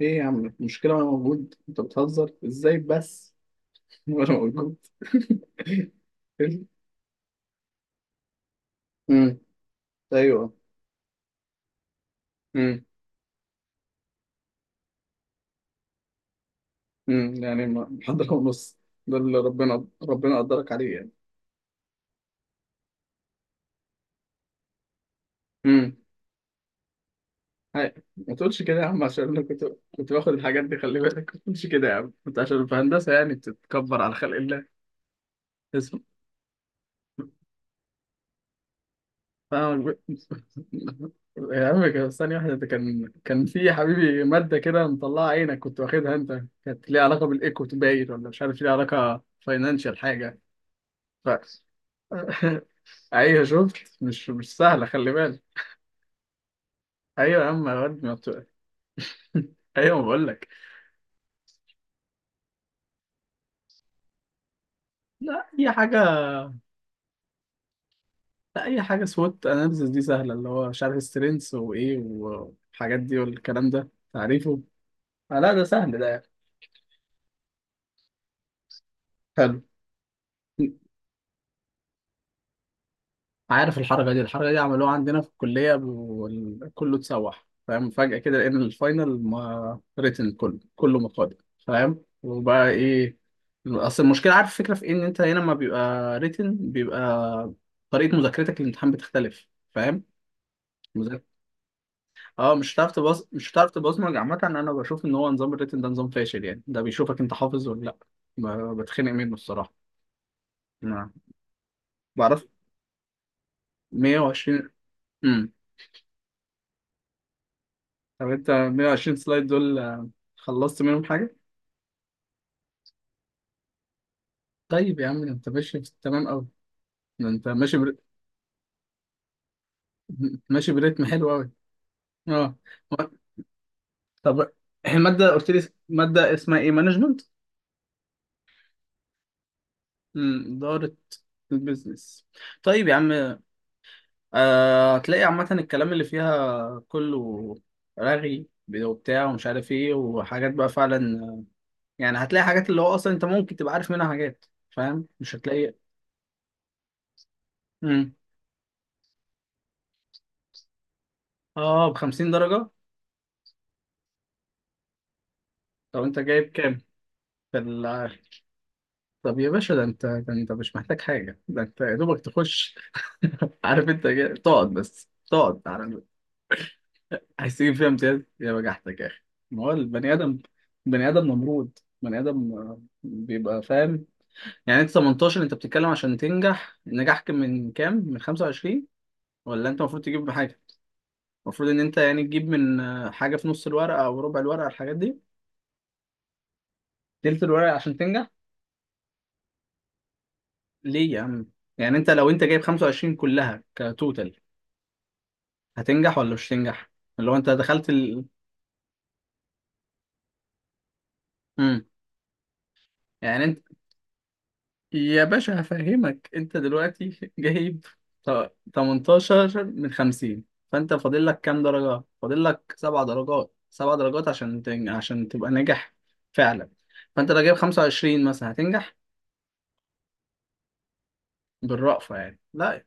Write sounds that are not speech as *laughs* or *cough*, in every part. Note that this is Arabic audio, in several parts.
ايه يا عم المشكلة وانا موجود، انت بتهزر ازاي بس؟ *laughs* وانا موجود *laughs* امم. ايوه. امم. يعني محضر ونص. ده اللي ربنا قدرك عليه يعني. امم. هاي ما تقولش كده يا عم، عشان انا كنت باخد الحاجات دي، خلي بالك ما تقولش كده يا عم انت، عشان في هندسة يعني بتتكبر على خلق الله. اسمع. فاهم؟ *laughs* يا عم ثانية واحدة، ده كان في حبيبي مادة كده مطلعة عينك، كنت واخدها أنت، كانت ليها علاقة بالإيكو، باين، ولا مش عارف ليها علاقة فاينانشال حاجة. ف... *laughs* أيوه شفت، مش سهلة، خلي بالك. أيوه يا عم يا واد ما بت- *laughs* أيوه، ما بقول لك. لا، أي حاجة. لا، أي حاجة، سوت أناليسيس دي سهلة، اللي هو مش عارف سترينث وإيه والحاجات دي والكلام ده، تعريفه. آه، لا ده سهل ده يعني. حلو. عارف الحركه دي، الحركه دي عملوها عندنا في الكليه وكله اتسوح، فاهم؟ فجاه كده لقينا الفاينل، ما ريتن، كله كله مقالي. فاهم؟ وبقى ايه؟ اصل المشكله، عارف الفكره في إيه؟ ان انت هنا ما بيبقى ريتن، بيبقى طريقه مذاكرتك للامتحان بتختلف. فاهم؟ مذاكرة. اه، مش هتعرف تبص، مش هتعرف تبصمج، عامه انا بشوف ان هو نظام الريتن ده نظام فاشل، يعني ده بيشوفك انت حافظ ولا لا. بتخنق منه الصراحه. ما بعرف. 120. طب انت 120 سلايد دول آه، خلصت منهم حاجة؟ طيب يا عم، ده انت ماشي في التمام قوي، ده انت ماشي بر... ماشي بريتم حلو قوي. اه، طب المادة قلت لي، مادة اسمها ايه، مانجمنت؟ إدارة. البيزنس. طيب يا عم آه، هتلاقي عامة الكلام اللي فيها كله رغي وبتاع ومش عارف ايه وحاجات بقى فعلا، يعني هتلاقي حاجات اللي هو اصلا انت ممكن تبقى عارف منها حاجات، فاهم؟ مش هتلاقي. مم. اه، ب 50 درجة. طب انت جايب كام؟ في ال- طب يا باشا، ده انت مش محتاج حاجة، ده انت يا دوبك تخش *laughs* عارف انت تقعد، بس تقعد على، عايز تجيب فيها امتياز، يا بجحتك يا اخي. ما هو البني ادم، بني ادم نمرود، بني ادم آه، بيبقى فاهم، يعني انت 18، انت بتتكلم عشان تنجح، نجاح كان من كام، من 25؟ ولا انت المفروض تجيب حاجة؟ المفروض ان انت يعني تجيب من آه، حاجة في نص الورقة او ربع الورقة، الحاجات دي. تلت الورقة عشان تنجح. ليه يا عم؟ يعني انت لو جايب 25 كلها كتوتال، هتنجح ولا مش هتنجح؟ اللي هو انت دخلت ال... مم. يعني انت، يا باشا هفهمك انت دلوقتي *laughs* جايب 18 من 50. فانت فاضل لك كام درجة؟ فاضل لك سبع درجات، سبع درجات عشان عشان تبقى ناجح. فعلا. فانت لو جايب 25 مثلا هتنجح. بالرأفة يعني لا.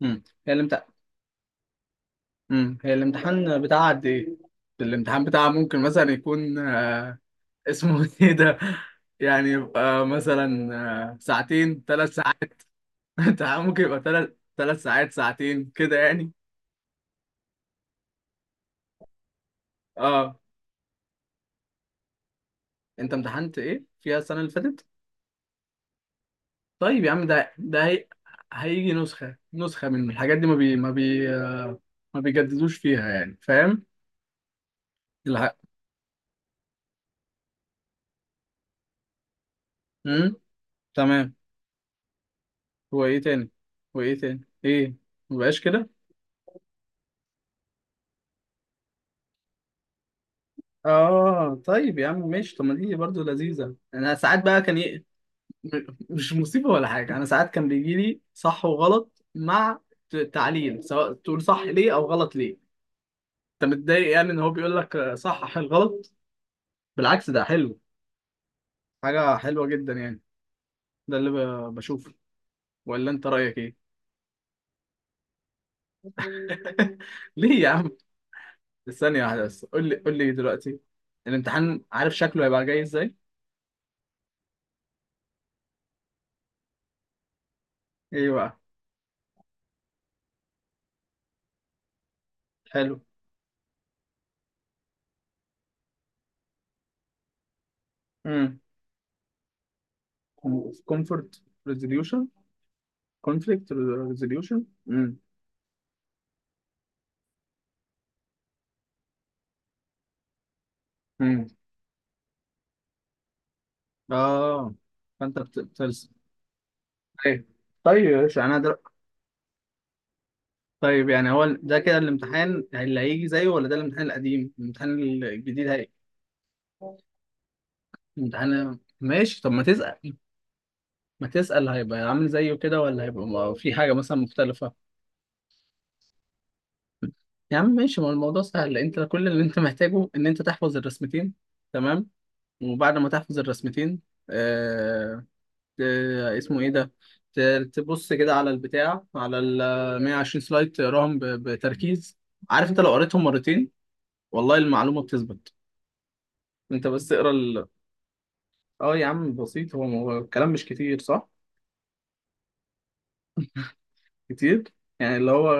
مم. هي الامتحان بتاعها قد ايه؟ الامتحان بتاعها ممكن مثلا يكون اسمه *laughs* ايه ده، يعني يبقى مثلا آه، ساعتين، ثلاث ساعات. *laughs* انت ممكن يبقى ثلاث، ثلاث ساعات، ساعتين كده يعني. اه. انت امتحنت ايه فيها السنة اللي فاتت؟ طيب يا عم ده هي... هيجي نسخة، نسخة من الحاجات دي، ما بيجددوش فيها يعني، فاهم؟ الحق. امم. تمام. هو ايه تاني؟ هو ايه تاني ايه؟ مبقاش كده. اه طيب يا عم ماشي، طب ما دي برضه لذيذة، انا ساعات بقى كان مش مصيبة ولا حاجة، أنا ساعات كان بيجي لي صح وغلط مع تعليل، سواء تقول صح ليه أو غلط ليه. أنت متضايق يعني إن هو بيقول لك آه، صحح الغلط؟ بالعكس ده حلو، حاجة حلوة جدا يعني، ده اللي بشوفه، ولا أنت رأيك إيه؟ *laughs* ليه يا عم؟ ثانية واحدة بس، قول لي دلوقتي، الامتحان عارف شكله هيبقى جاي إزاي؟ إيه بقى؟ حلو. امم. كومفورت ريزوليوشن. كونفليكت ريزوليوشن. امم. اه، فانت بترسم. ايوه. طيب يا باشا، طيب يعني هو ده كده الامتحان اللي هيجي زيه ولا ده الامتحان القديم، الامتحان الجديد هيجي؟ الامتحان ماشي، طب ما تسأل، ما تسأل هيبقى عامل زيه كده ولا هيبقى في حاجة مثلا مختلفة. يا عم ماشي، ما هو الموضوع سهل، انت كل اللي انت محتاجه ان انت تحفظ الرسمتين، تمام، وبعد ما تحفظ الرسمتين آه، آه، اسمه ايه ده، تبص كده على البتاع، على ال 120 سلايد، تقراهم بتركيز. عارف انت لو قريتهم مرتين، والله المعلومة بتثبت، انت بس اقرا ال... اه يا عم بسيط، هو الكلام مش كتير، صح؟ كتير. يعني اللي هو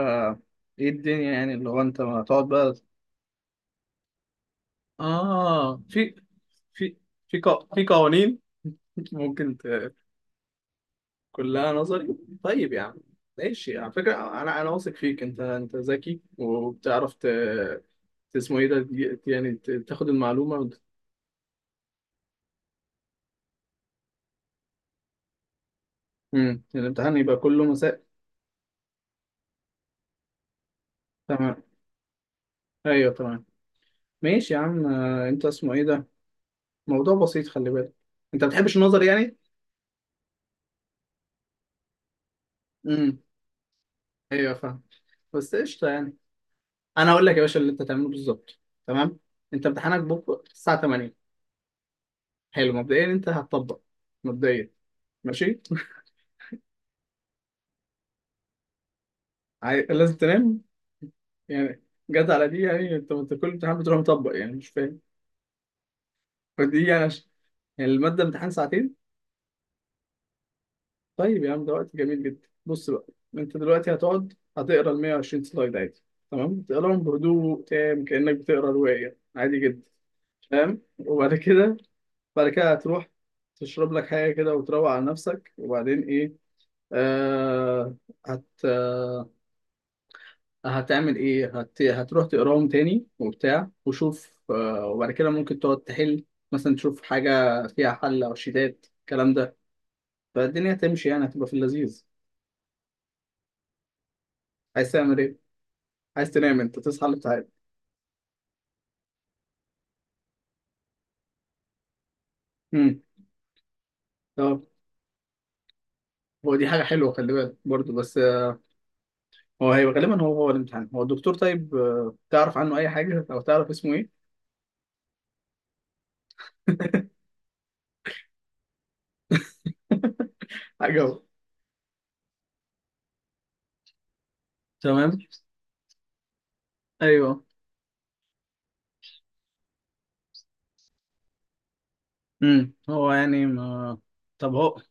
ايه الدنيا، يعني اللي هو انت هتقعد بقى. اه. في، في في في قوانين، *laughs* ممكن كلها نظري. طيب يا عم، ماشي على فكرة، أنا واثق فيك، أنت ذكي وبتعرف ت... اسمه إيه ده، يعني تاخد المعلومة مم. الامتحان يبقى كله مساء. تمام. أيوه تمام. ماشي يا عم آه، أنت اسمه إيه ده، موضوع بسيط خلي بالك، أنت ما بتحبش النظر يعني؟ امم. أيوه فاهم، بس قشطة يعني. أنا هقول لك يا باشا اللي أنت تعمله بالظبط، تمام. أنت امتحانك بكرة الساعة 8. حلو، مبدئيا أنت هتطبق، مبدئيا ماشي. لازم تنام يعني، جت على دي يعني، انت كل امتحان بتروح مطبق يعني، مش فاهم. فدي يعني يعني المادة امتحان ساعتين. طيب يا عم، ده وقت جميل جدا، بص بقى، انت دلوقتي هتقعد هتقرا ال 120 سلايد عادي، تمام، تقراهم بهدوء تام، كأنك بتقرا رواية عادي جدا، فاهم؟ وبعد كده، بعد كده هتروح تشرب لك حاجة كده وتروق على نفسك، وبعدين ايه؟ آه، هت هتعمل ايه، هتروح تقراهم تاني وبتاع وشوف آه، وبعد كده ممكن تقعد تحل، مثلا تشوف حاجة فيها حل أو شيتات الكلام ده، فالدنيا هتمشي يعني، هتبقى في اللذيذ. عايز تعمل ايه؟ عايز تنام انت تصحى على الامتحان؟ امم. طب، هو دي حاجة حلوة خلي بالك برضه، بس آه، هو هيبقى غالبا هو الامتحان، هو الدكتور طيب آه، تعرف عنه أي حاجة أو تعرف اسمه ايه؟ حاجة هو. تمام. ايوه. هو يعني ما، طب هو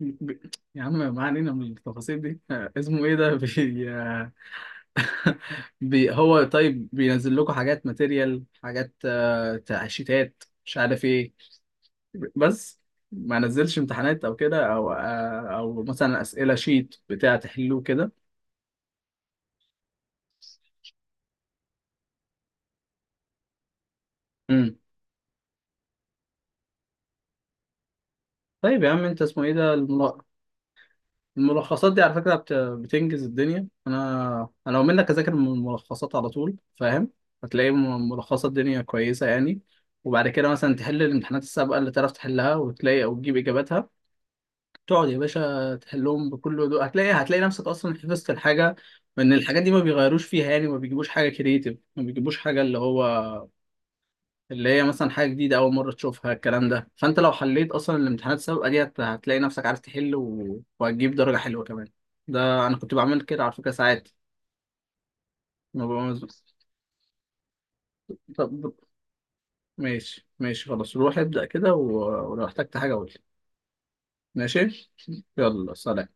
ب... يا عم ما علينا من التفاصيل دي *laughs* آه، اسمه ايه ده، آه، *laughs* هو طيب بينزل لكم حاجات، ماتيريال، حاجات آه، تعشيتات مش عارف ايه، بس، ما نزلش امتحانات او كده، او آه، او مثلا اسئله شيت بتاع تحلوه كده. امم. طيب يا عم انت اسمه ايه ده، الملخصات دي على فكرة بتنجز الدنيا، أنا لو منك أذاكر من الملخصات على طول، فاهم؟ هتلاقي ملخصات الدنيا كويسة يعني، وبعد كده مثلا تحل الامتحانات السابقة اللي تعرف تحلها وتلاقي أو تجيب إجاباتها، تقعد يا باشا تحلهم بكل هدوء، هتلاقي نفسك أصلا حفظت الحاجة، وإن الحاجات دي ما بيغيروش فيها، يعني ما بيجيبوش حاجة كريتيف، ما بيجيبوش حاجة اللي هو اللي هي مثلا حاجة جديدة أول مرة تشوفها، الكلام ده، فأنت لو حليت أصلا الامتحانات السابقة دي هتلاقي نفسك عارف تحل وهتجيب درجة حلوة كمان، ده أنا كنت بعمل كده على فكرة ساعات. ما ببقى- طب ماشي، ماشي خلاص، روح ابدأ كده ولو احتجت حاجة قول لي. ماشي، يلا سلام.